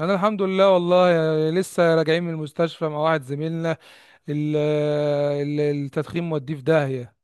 انا الحمد لله والله، لسه راجعين من المستشفى مع واحد زميلنا. ال- التدخين موديه في داهية.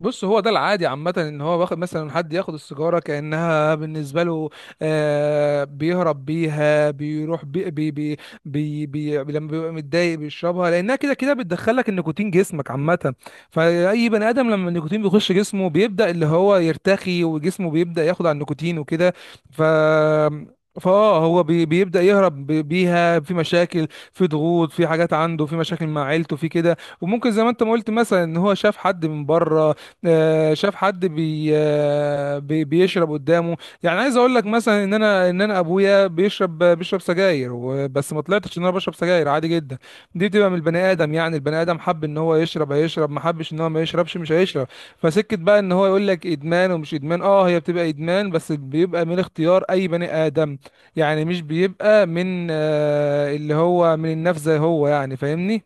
بص، هو ده العادي عامة، ان هو واخد مثلا، حد ياخد السيجارة كأنها بالنسبة له بيهرب بيها، بيروح بي بي بي بي بي لما بيبقى متضايق بيشربها، لأنها كده كده بتدخلك النيكوتين جسمك عامة. فأي بني آدم لما النيكوتين بيخش جسمه بيبدأ اللي هو يرتخي، وجسمه بيبدأ ياخد على النيكوتين وكده. ف هو بيبدأ يهرب بيها، في مشاكل، في ضغوط، في حاجات عنده، في مشاكل مع عيلته، في كده. وممكن زي ما انت ما قلت مثلا ان هو شاف حد من بره، شاف حد بيشرب قدامه. يعني عايز اقول لك مثلا ان انا ابويا بيشرب سجاير بس ما طلعتش ان انا بشرب سجاير، عادي جدا. دي بتبقى من البني ادم، يعني البني ادم حب ان هو يشرب هيشرب، ما حبش ان هو ما يشربش مش هيشرب. فسكت بقى ان هو يقول لك ادمان ومش ادمان، اه هي بتبقى ادمان بس بيبقى من اختيار اي بني ادم. يعني مش بيبقى من اللي هو من النفس زي هو، يعني فاهمني؟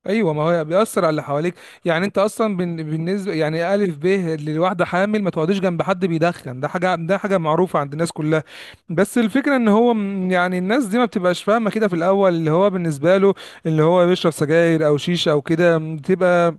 ايوه، ما هو بيأثر على اللي حواليك. يعني انت اصلا بالنسبه يعني الف ب، للواحده حامل ما تقعديش جنب حد بيدخن، ده حاجه، ده حاجه معروفه عند الناس كلها. بس الفكره ان هو يعني الناس دي ما بتبقاش فاهمه كده في الاول. اللي هو بالنسبه له، اللي هو بيشرب سجاير او شيشه او كده، بتبقى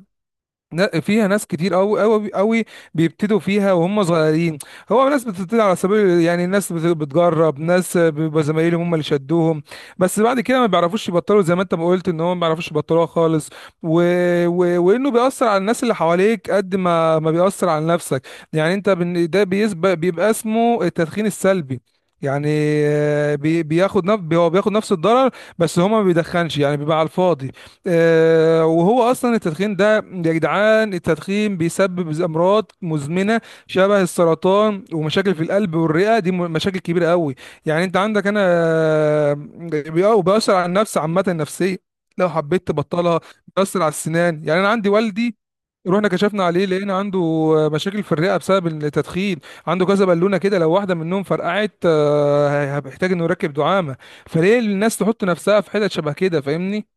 فيها ناس كتير قوي قوي قوي بيبتدوا فيها وهم صغيرين. هو ناس بتبتدي على سبيل، يعني ناس بتجرب، ناس بيبقى زمايلهم هم اللي شدوهم، بس بعد كده ما بيعرفوش يبطلوا، زي ما انت ما قلت ان هم ما بيعرفوش يبطلوها خالص. و... و... وانه بيأثر على الناس اللي حواليك قد ما ما بيأثر على نفسك. يعني انت ده بيسبق بيبقى اسمه التدخين السلبي يعني. هو بياخد نفس الضرر، بس هو ما بيدخنش يعني، بيبقى على الفاضي. وهو اصلا التدخين ده يا جدعان، التدخين بيسبب امراض مزمنه شبه السرطان ومشاكل في القلب والرئه، دي مشاكل كبيره قوي. يعني انت عندك انا. بي- بيأثر على النفس عامه، النفسيه لو حبيت تبطلها. بيأثر على السنان، يعني انا عندي والدي، رحنا كشفنا عليه لقينا عنده مشاكل في الرئه بسبب التدخين. عنده كذا بالونه كده، لو واحده منهم فرقعت هيحتاج انه يركب دعامه. فليه الناس تحط نفسها في حتت شبه كده؟ فاهمني؟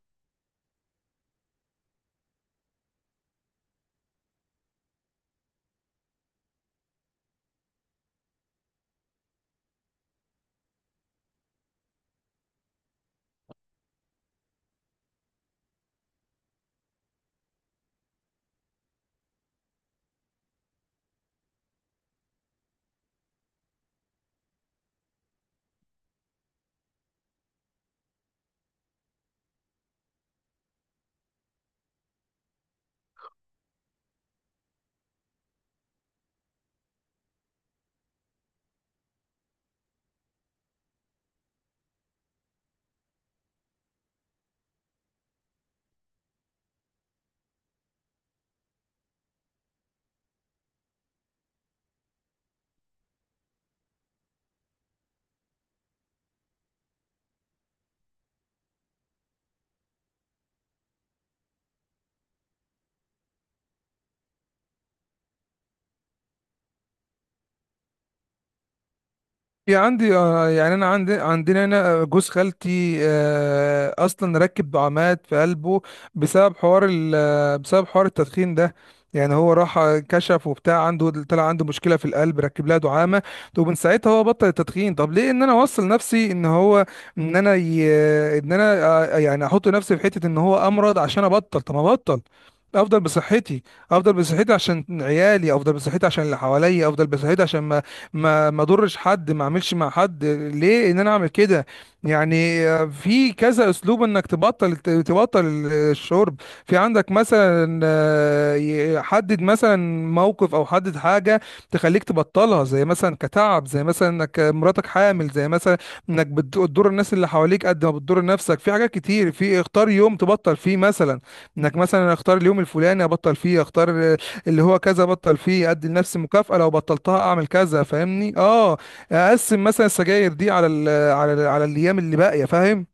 في عندي، يعني انا عندي، عندنا هنا جوز خالتي اصلا ركب عماد في قلبه بسبب حوار بسبب حوار التدخين ده. يعني هو راح كشف وبتاع، عنده طلع عنده مشكله في القلب، ركب لها دعامه، ومن ساعتها هو بطل التدخين. طب ليه ان انا اوصل نفسي ان هو، ان انا ي... ان انا آه، يعني احط نفسي في حته ان هو امرض عشان ابطل؟ طب ما ابطل افضل بصحتي. افضل بصحتي عشان عيالي، افضل بصحتي عشان اللي حواليا، افضل بصحتي عشان ما اضرش حد، ما اعملش مع حد. ليه ان انا اعمل كده؟ يعني في كذا اسلوب انك تبطل الشرب. في عندك مثلا، حدد مثلا موقف او حدد حاجه تخليك تبطلها، زي مثلا كتعب، زي مثلا انك مراتك حامل، زي مثلا انك بتضر الناس اللي حواليك قد ما بتضر نفسك. في حاجات كتير، في اختار يوم تبطل فيه مثلا، انك مثلا اختار اليوم الفلاني ابطل فيه، اختار اللي هو كذا بطل فيه، ادي لنفسي مكافأة لو بطلتها اعمل كذا، فاهمني؟ اه. اقسم مثلا السجاير دي على الايام اللي باقية، فاهم؟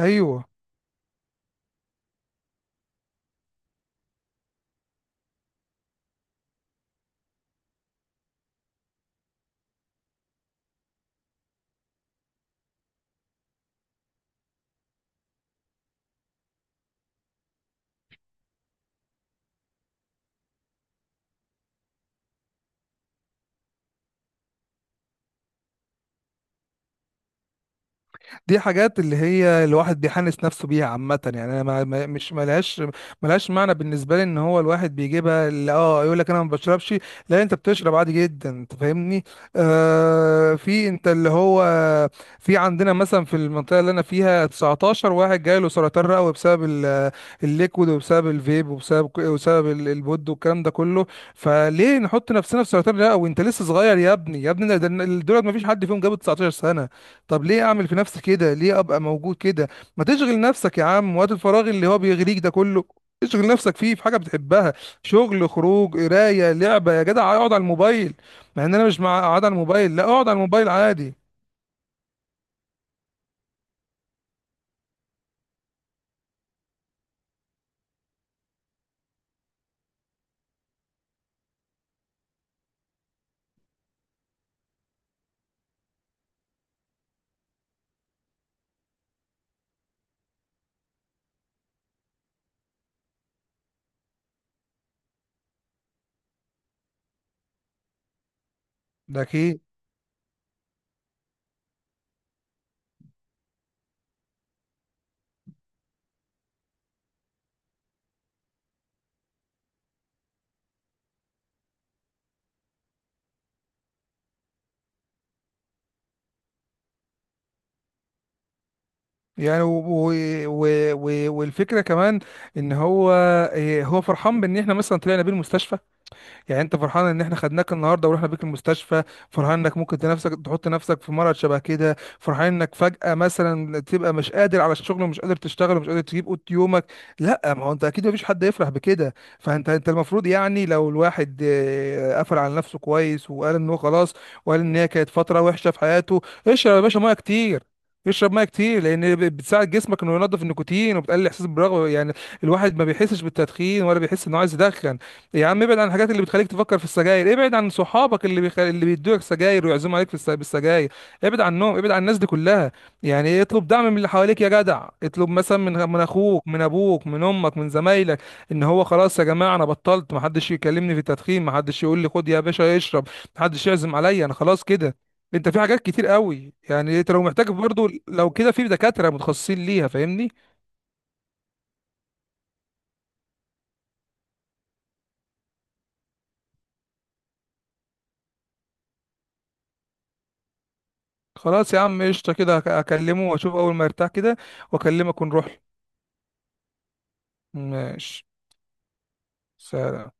ايوه، دي حاجات اللي هي الواحد بيحنس نفسه بيها عامة. يعني انا مش ملهاش معنى بالنسبة لي، ان هو الواحد بيجيبها، اللي اه يقول لك انا ما بشربش، لا انت بتشرب عادي جدا انت، فاهمني؟ آه، في انت اللي هو، في عندنا مثلا في المنطقة اللي انا فيها 19 واحد جاي له سرطان رئوي بسبب الليكويد، وبسبب الفيب، وبسبب البود، والكلام ده كله. فليه نحط نفسنا في سرطان رئوي؟ انت لسه صغير يا ابني، يا ابني دولت ما فيش حد فيهم جاب 19 سنة. طب ليه اعمل في نفسي كده؟ ليه ابقى موجود كده؟ ما تشغل نفسك يا عم، وقت الفراغ اللي هو بيغريك ده كله اشغل نفسك فيه في حاجه بتحبها. شغل، خروج، قرايه، لعبه، يا جدع اقعد على الموبايل. مع ان انا مش مع اقعد على الموبايل، لا اقعد على الموبايل عادي. ده كي. يعني و... و... و... و... والفكره كمان ان هو، هو فرحان بان احنا مثلا طلعنا بيه المستشفى؟ يعني انت فرحان ان احنا خدناك النهارده ورحنا بيك المستشفى؟ فرحان انك ممكن تنفسك تحط نفسك في مرض شبه كده؟ فرحان انك فجأة مثلا تبقى مش قادر على الشغل ومش قادر تشتغل ومش قادر تجيب قوت يومك؟ لا، ما هو انت اكيد مفيش حد يفرح بكده. فانت، انت المفروض يعني لو الواحد قفل على نفسه كويس وقال ان هو خلاص، وقال ان هي كانت فترة وحشة في حياته. اشرب يا باشا ميه كتير، اشرب ميه كتير لان بتساعد جسمك انه ينظف النيكوتين وبتقلل الاحساس بالرغبه، يعني الواحد ما بيحسش بالتدخين ولا بيحس انه عايز يدخن. يا عم ابعد عن الحاجات اللي بتخليك تفكر في السجاير، ابعد عن صحابك اللي بيدوك سجاير ويعزموا عليك بالسجاير. ابعد عنهم، ابعد عن الناس دي كلها. يعني إيه، اطلب دعم من اللي حواليك يا جدع. اطلب مثلا من اخوك، من ابوك، من امك، من زمايلك ان هو خلاص يا جماعه انا بطلت، محدش يكلمني في التدخين، محدش يقول لي خد يا باشا اشرب، محدش يعزم عليا، انا خلاص كده. انت، في حاجات كتير قوي. يعني انت لو محتاج برضو لو كده في دكاتره متخصصين ليها، فاهمني؟ خلاص يا عم قشطه كده، هكلمه واشوف اول ما يرتاح كده واكلمك ونروح. ماشي. سلام.